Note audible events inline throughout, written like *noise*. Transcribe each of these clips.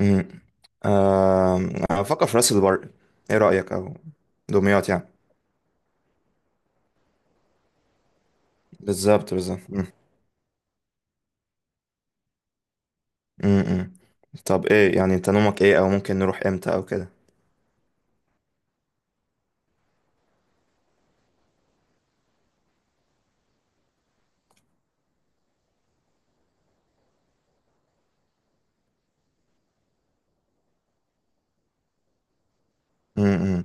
امم آه. افكر في راس البر، ايه رأيك، او دمياط يعني؟ بالظبط بالظبط. مم. مم، مم. طب ايه يعني، انت نومك ايه، او ممكن نروح امتى او كده؟ امم.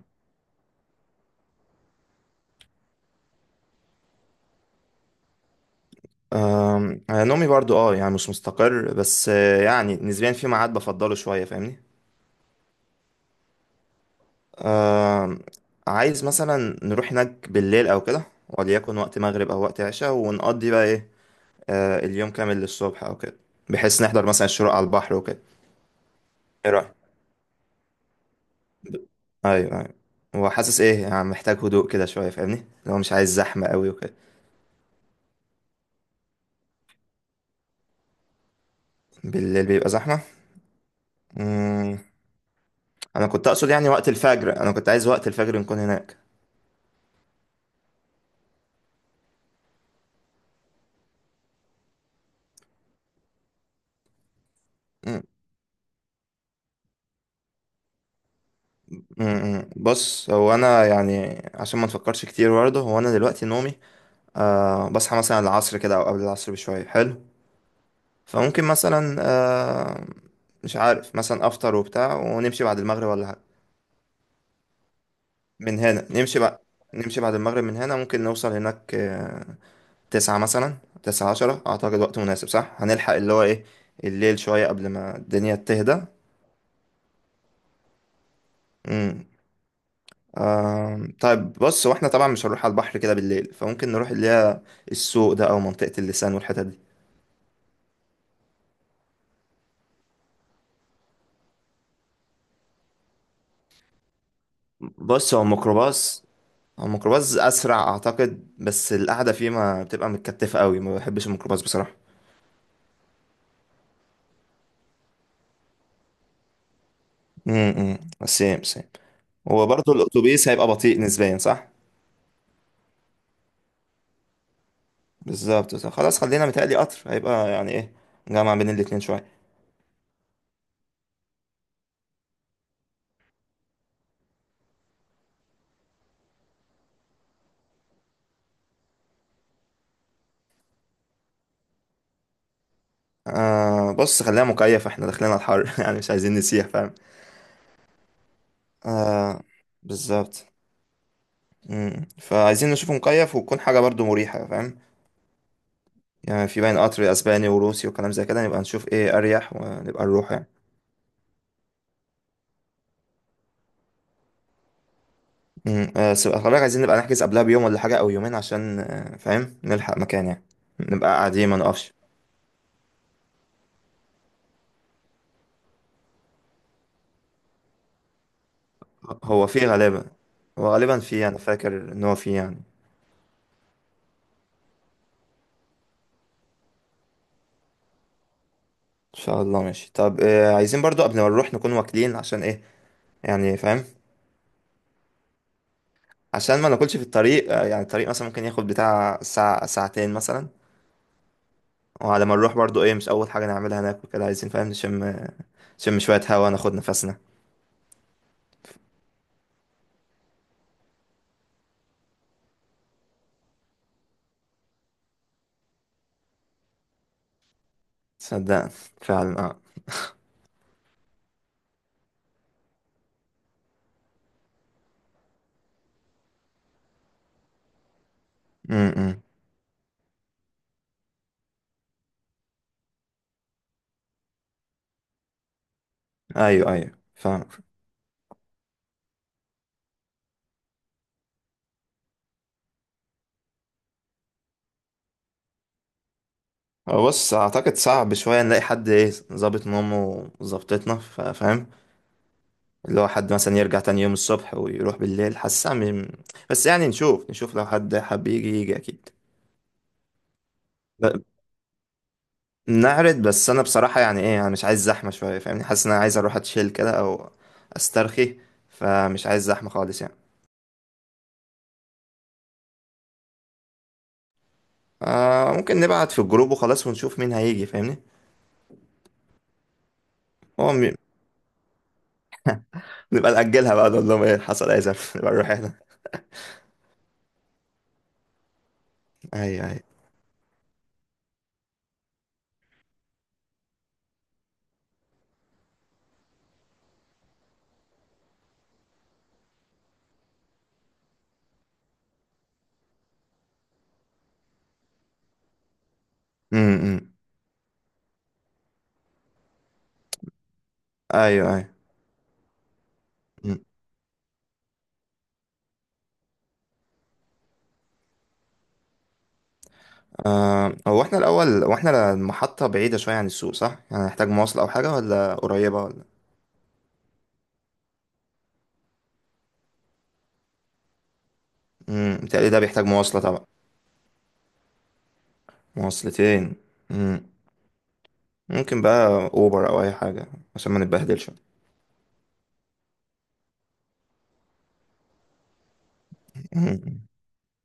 أنا نومي برضو يعني مش مستقر، بس يعني نسبيا في ميعاد بفضله شوية، فاهمني؟ آم، عايز مثلا نروح هناك بالليل او كده، وليكن وقت مغرب او وقت عشاء، ونقضي بقى ايه، اليوم كامل للصبح او كده، بحيث نحضر مثلا الشروق على البحر وكده. ايه، ايوه ايوه. هو حاسس ايه، يعني محتاج هدوء كده شويه، فاهمني؟ لو مش عايز زحمه قوي وكده. بالليل بيبقى زحمه. امم. انا كنت اقصد يعني وقت الفجر، انا كنت عايز وقت الفجر نكون هناك. مم. مم. بص هو انا يعني عشان ما نفكرش كتير برضه، هو انا دلوقتي نومي أه بصحى مثلا العصر كده او قبل العصر بشويه، حلو. فممكن مثلا مش عارف، مثلا افطر وبتاع ونمشي بعد المغرب ولا حاجه. من هنا نمشي بقى، نمشي بعد المغرب من هنا ممكن نوصل هناك 9 مثلا. تسعة عشرة أعتقد وقت مناسب، صح؟ هنلحق اللي هو إيه، الليل شوية قبل ما الدنيا تهدى. امم. طيب بص، هو احنا طبعا مش هنروح على البحر كده بالليل، فممكن نروح اللي هي السوق ده، أو منطقة اللسان والحتت دي. بص هو الميكروباص، هو الميكروباص أسرع أعتقد، بس القعدة فيه ما بتبقى متكتفة قوي، ما بحبش الميكروباص بصراحة. امم. سيم سيم. هو برضه الأتوبيس هيبقى بطيء نسبيا، صح؟ بالظبط صح. خلاص خلينا، متهيألي قطر هيبقى يعني إيه، جامع بين الاتنين شوية. آه بص خلينا مكيف، احنا داخلين على الحر *laughs* يعني مش عايزين نسيح، فاهم؟ آه بالظبط. مم. فعايزين نشوف مكيف، وتكون حاجة برضو مريحة، فاهم؟ يعني في باين قطر اسباني وروسي وكلام زي كده، نبقى نشوف ايه اريح ونبقى نروح يعني. مم. آه بس خلي بالك، عايزين نبقى نحجز قبلها بيوم ولا حاجة، او يومين، عشان فاهم نلحق مكان يعني، نبقى قاعدين ما نقفش. هو فيه غالبا، هو غالبا فيه، انا فاكر ان هو فيه يعني. ان شاء الله ماشي. طب آه عايزين برضو قبل ما نروح نكون واكلين، عشان ايه يعني، فاهم؟ عشان ما ناكلش في الطريق، يعني الطريق مثلا ممكن ياخد بتاع 1 أو 2 ساعة مثلا. وعلى ما نروح برضو ايه، مش اول حاجة نعملها ناكل كده، عايزين فاهم نشم، نشم شوية هوا، ناخد نفسنا. صدق، فعلا اه. امم. إمم. ايوه ايوه فاهم. هو بص اعتقد صعب شوية نلاقي حد ايه ظابط نومه وظبطتنا، فاهم؟ اللي هو حد مثلا يرجع تاني يوم الصبح ويروح بالليل، حاسس بس يعني نشوف، نشوف لو حد حب يجي يجي، اكيد. ب- نعرض، بس انا بصراحه يعني ايه، انا مش عايز زحمه شويه، فاهمني؟ حاسس ان انا عايز اروح اتشيل كده او استرخي، فمش عايز زحمه خالص يعني. آه ممكن نبعت في الجروب وخلاص، ونشوف مين هيجي، فاهمني؟ هو م... نبقى نأجلها بقى، نقول لهم ايه حصل اي زف *laughs* نبقى نروح احنا. ايوه ايوه. امم. ايوه ايوه. أمم. آه هو احنا الاول، هو احنا المحطه بعيده شويه عن السوق صح؟ يعني هنحتاج مواصله او حاجه، ولا قريبه، ولا؟ بتهيألي ده بيحتاج مواصله طبعا. مواصلتين. ممكن بقى اوبر او اي حاجه، عشان ما نتبهدلش *laughs* مم.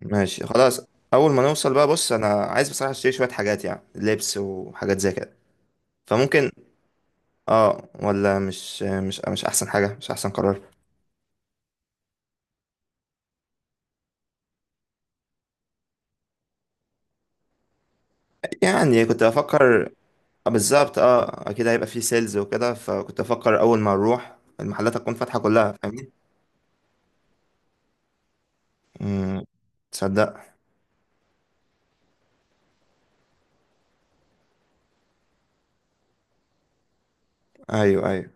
ماشي خلاص. اول ما نوصل بقى، بص انا عايز بصراحه اشتري شويه حاجات، يعني لبس وحاجات زي كده. فممكن، اه، ولا مش احسن حاجه، مش احسن قرار؟ يعني كنت بفكر بالظبط، اه اكيد هيبقى فيه سيلز وكده، فكنت بفكر اول ما نروح المحلات هتكون فاتحه كلها، فاهمني؟ مم. تصدق، ايوه ايوه.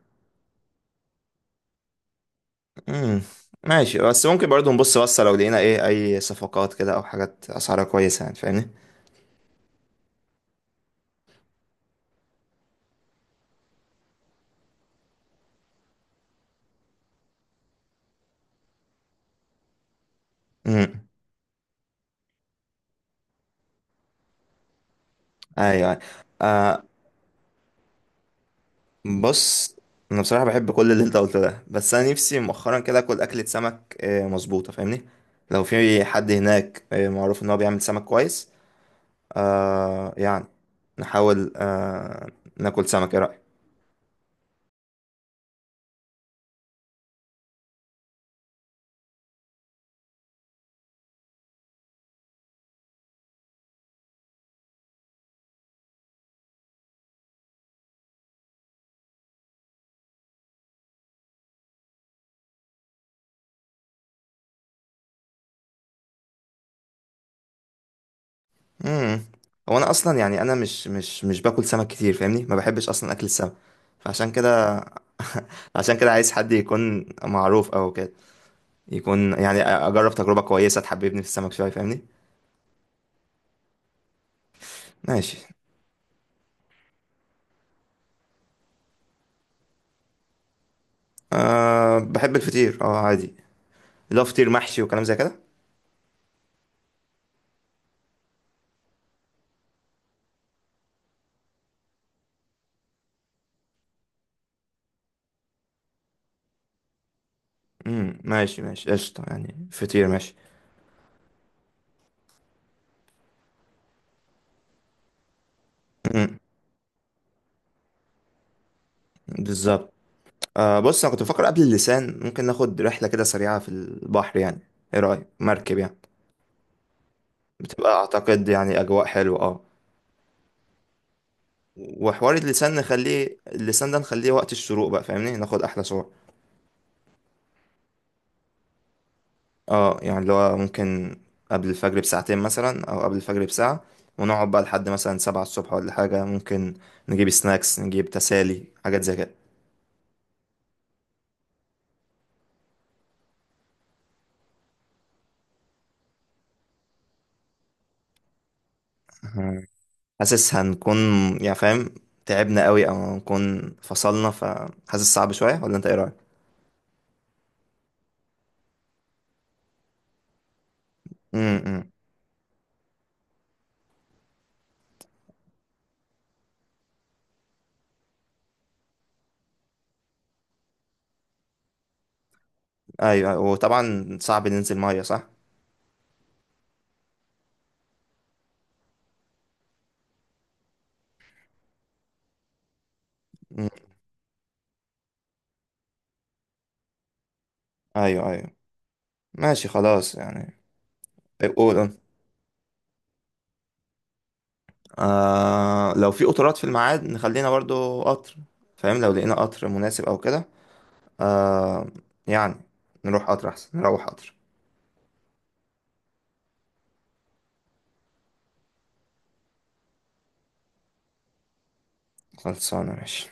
مم. ماشي، بس ممكن برضو نبص بصة، لو لقينا ايه اي صفقات كده، او حاجات اسعارها كويسة، يعني فاهمني. امم. ايوه أيوة. آه بص، انا بصراحه بحب كل اللي انت قلته ده، بس انا نفسي مؤخرا كده اكل اكله سمك آه مظبوطه، فاهمني؟ لو في حد هناك معروف ان هو بيعمل سمك كويس، آه يعني نحاول ناكل سمك، ايه رايك؟ امم. هو انا اصلا يعني، انا مش باكل سمك كتير، فاهمني؟ ما بحبش اصلا اكل السمك، فعشان كده *laughs* عشان كده عايز حد يكون معروف او كده، يكون يعني اجرب تجربه كويسه تحببني في السمك شويه، فاهمني؟ ماشي. أه بحب الفطير اه عادي، لا فطير محشي وكلام زي كده. ماشي ماشي قشطة، يعني فطير ماشي. امم بالظبط. أه بص انا كنت بفكر قبل اللسان ممكن ناخد رحلة كده سريعة في البحر يعني، ايه رأيك مركب يعني؟ بتبقى اعتقد يعني اجواء حلوة، اه. وحوار اللسان نخليه، اللسان ده نخليه وقت الشروق بقى، فاهمني؟ ناخد احلى صور. اه يعني اللي هو ممكن قبل الفجر بساعتين مثلا او قبل الفجر بساعة، ونقعد بقى لحد مثلا 7 الصبح ولا حاجة، ممكن نجيب سناكس، نجيب تسالي، حاجات زي كده. مم. حاسس هنكون يعني فاهم تعبنا قوي، او هنكون فصلنا، فحاسس صعب شوية، ولا انت ايه رأيك؟ امم ايوه أيوة. وطبعا صعب ننزل مية صح؟ مم. ايوه ايوه. ماشي خلاص يعني. طيب، قول قول. آه لو في قطارات في الميعاد نخلينا برضو قطر، فاهم؟ لو لقينا قطر مناسب او كده، آه يعني نروح قطر أحسن، نروح قطر. خلصانة ماشي.